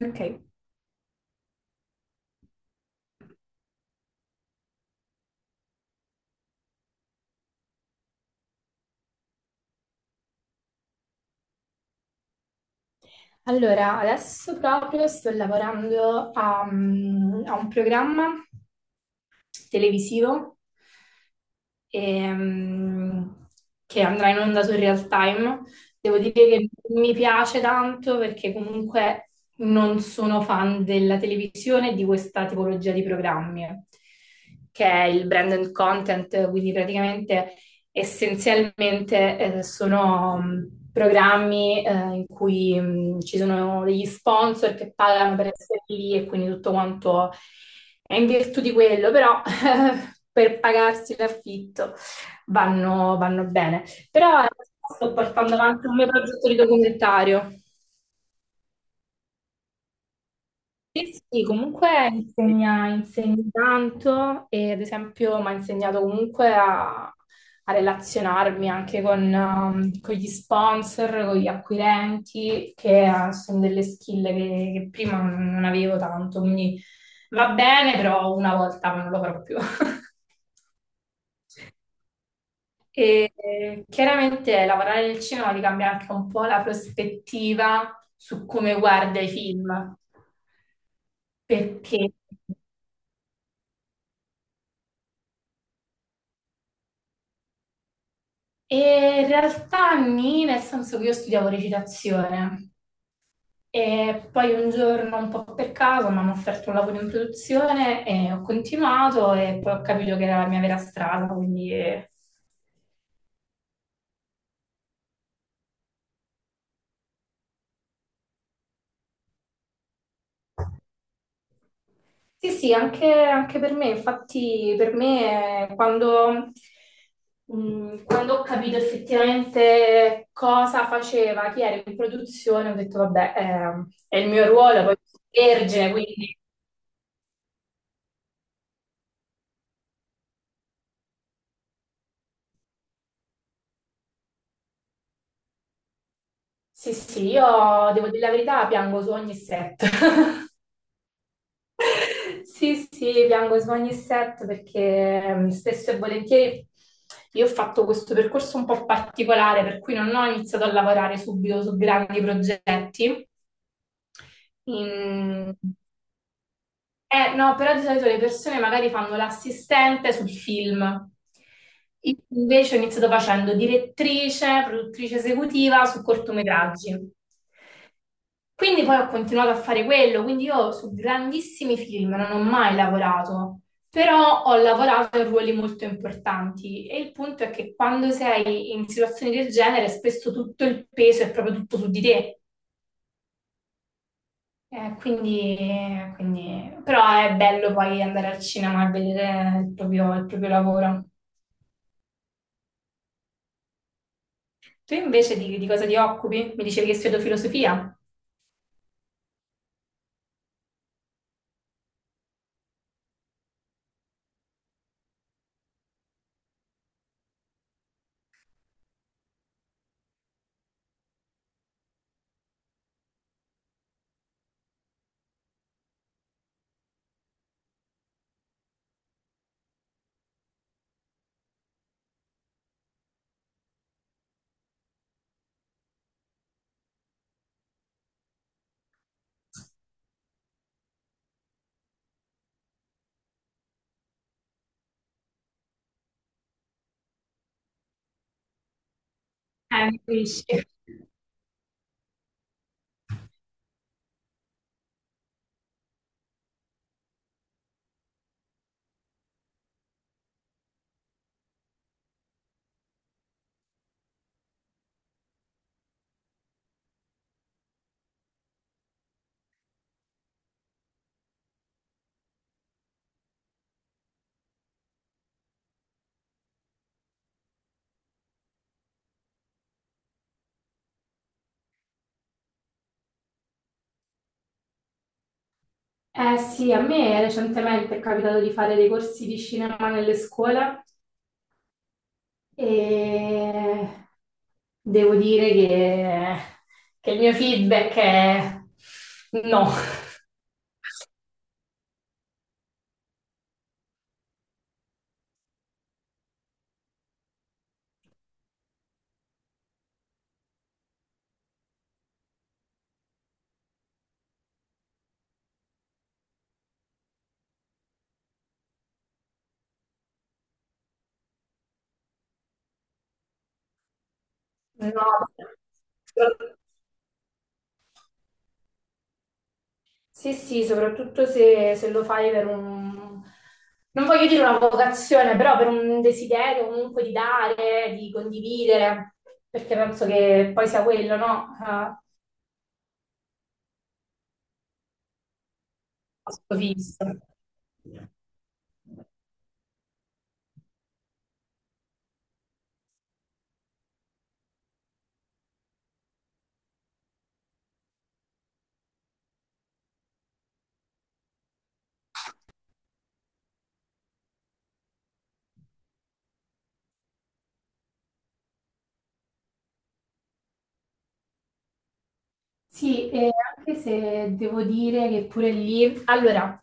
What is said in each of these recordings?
Ok, allora adesso proprio sto lavorando a un programma televisivo ehm, che andrà in onda su Real Time. Devo dire che mi piace tanto perché comunque non sono fan della televisione e di questa tipologia di programmi, che è il brand and content, quindi praticamente essenzialmente sono programmi in cui ci sono degli sponsor che pagano per essere lì e quindi tutto quanto è in virtù di quello, però per pagarsi l'affitto vanno bene. Però sto portando avanti un mio progetto di documentario. Sì, sì, comunque insegna, insegna tanto e ad esempio mi ha insegnato comunque a relazionarmi anche con gli sponsor, con gli acquirenti, che sono delle skill che prima non avevo tanto, quindi va bene, però una volta non lo farò più. E chiaramente lavorare nel cinema ti cambia anche un po' la prospettiva su come guarda i film, perché e in realtà nì, nel senso che io studiavo recitazione e poi un giorno un po' per caso mi hanno offerto un lavoro in produzione e ho continuato e poi ho capito che era la mia vera strada, quindi sì, sì, anche, anche per me, infatti per me quando ho capito effettivamente cosa faceva, chi era in produzione, ho detto vabbè, è il mio ruolo, poi sono vergine, quindi sì, sì, io devo dire la verità, piango su ogni set. Sì, sì, piango su ogni set perché spesso e volentieri io ho fatto questo percorso un po' particolare, per cui non ho iniziato a lavorare subito su grandi progetti. In- no, però di solito le persone magari fanno l'assistente sul film. Io invece ho iniziato facendo direttrice, produttrice esecutiva su cortometraggi. Quindi poi ho continuato a fare quello, quindi io su grandissimi film non ho mai lavorato, però ho lavorato in ruoli molto importanti e il punto è che quando sei in situazioni del genere spesso tutto il peso è proprio tutto su di te. Eh, quindi, Però è bello poi andare al cinema e vedere il proprio lavoro. Tu invece di cosa ti occupi? Mi dicevi che studio filosofia? Mi capisci. Eh sì, a me recentemente è capitato di fare dei corsi di cinema nelle scuole e devo dire che il mio feedback è no. No. Sì, sì, soprattutto se, lo fai per un... non voglio dire una vocazione, però per un desiderio comunque di dare, di condividere, perché penso che poi sia quello, no? Ah, questo visto. Sì, e anche se devo dire che pure lì, allora,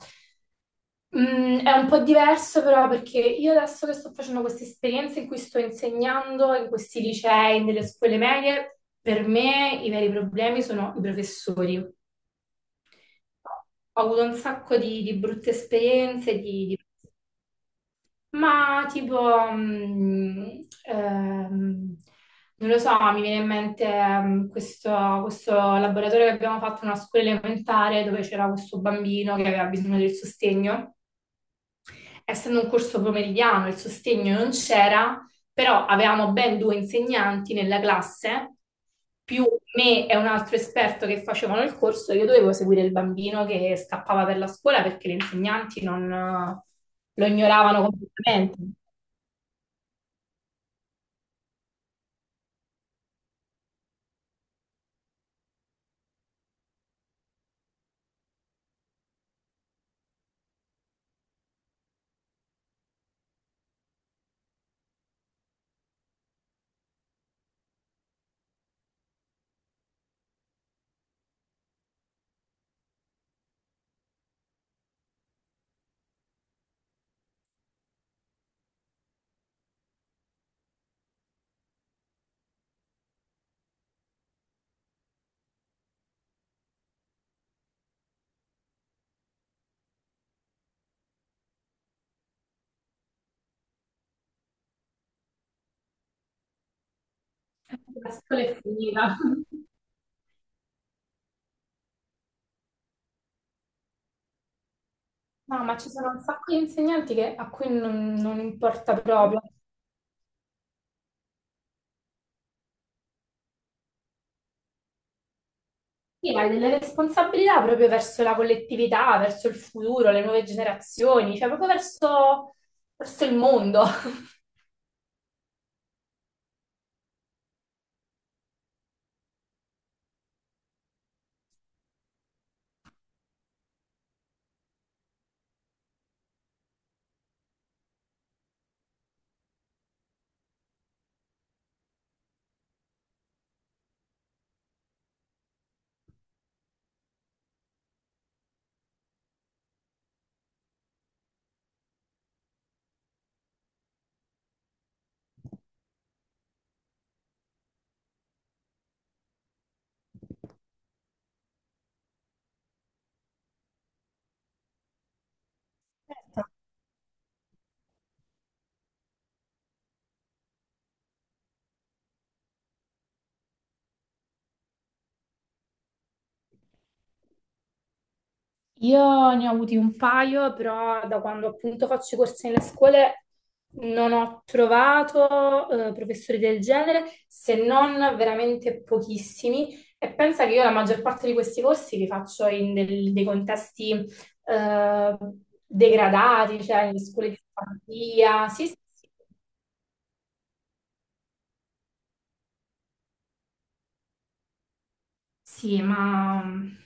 è un po' diverso però perché io adesso che sto facendo queste esperienze in cui sto insegnando in questi licei, nelle scuole medie, per me i veri problemi sono i professori. Ho avuto un sacco di brutte esperienze, di ma tipo, non lo so, mi viene in mente questo laboratorio che abbiamo fatto in una scuola elementare dove c'era questo bambino che aveva bisogno del sostegno. Essendo un corso pomeridiano, il sostegno non c'era, però avevamo ben due insegnanti nella classe, più me e un altro esperto che facevano il corso, io dovevo seguire il bambino che scappava per la scuola perché gli insegnanti non, lo ignoravano completamente. La scuola è finita. No, ma ci sono un sacco di insegnanti che- a cui non, non importa proprio. Sì, hai delle responsabilità proprio verso la collettività, verso il futuro, le nuove generazioni, cioè proprio verso, verso il mondo. Io ne ho avuti un paio, però da quando appunto faccio i corsi nelle scuole non ho trovato professori del genere, se non veramente pochissimi. E pensa che io la maggior parte di questi corsi li faccio in dei contesti eh, degradati, cioè nelle scuole di fantasia. Sì, sì, sì. Sì, ma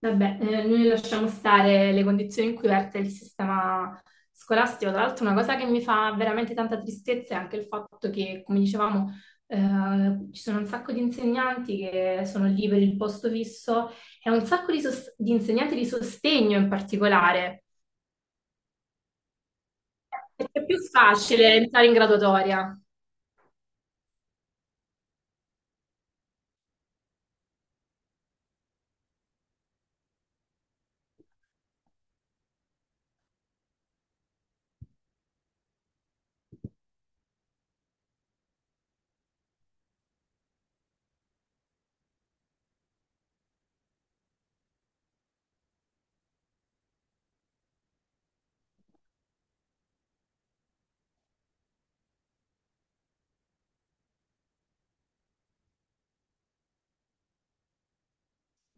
vabbè, noi lasciamo stare le condizioni in cui verte il sistema scolastico. Tra l'altro, una cosa che mi fa veramente tanta tristezza è anche il fatto che, come dicevamo, ci sono un sacco di insegnanti che sono lì per il posto fisso e un sacco di insegnanti di sostegno in particolare, perché è più facile entrare in graduatoria.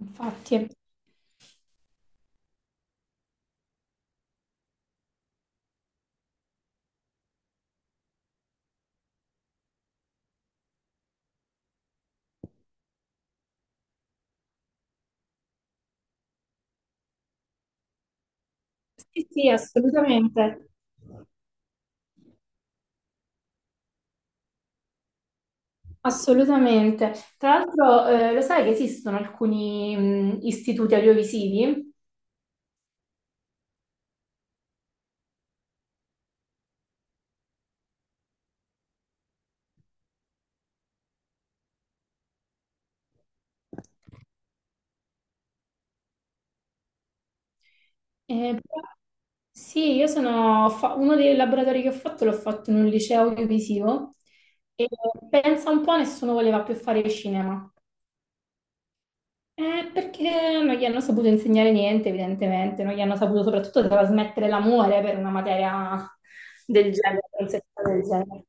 Infatti, sì, sì, assolutamente. Assolutamente. Tra l'altro, lo sai che esistono alcuni istituti audiovisivi? Eh, però- sì, uno dei laboratori che ho fatto l'ho fatto in un liceo audiovisivo e pensa un po', nessuno voleva più fare cinema. Perché non gli hanno saputo insegnare niente, evidentemente, non gli hanno saputo soprattutto trasmettere l'amore per una materia del genere, per un settore del genere.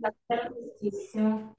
D'accordissimo.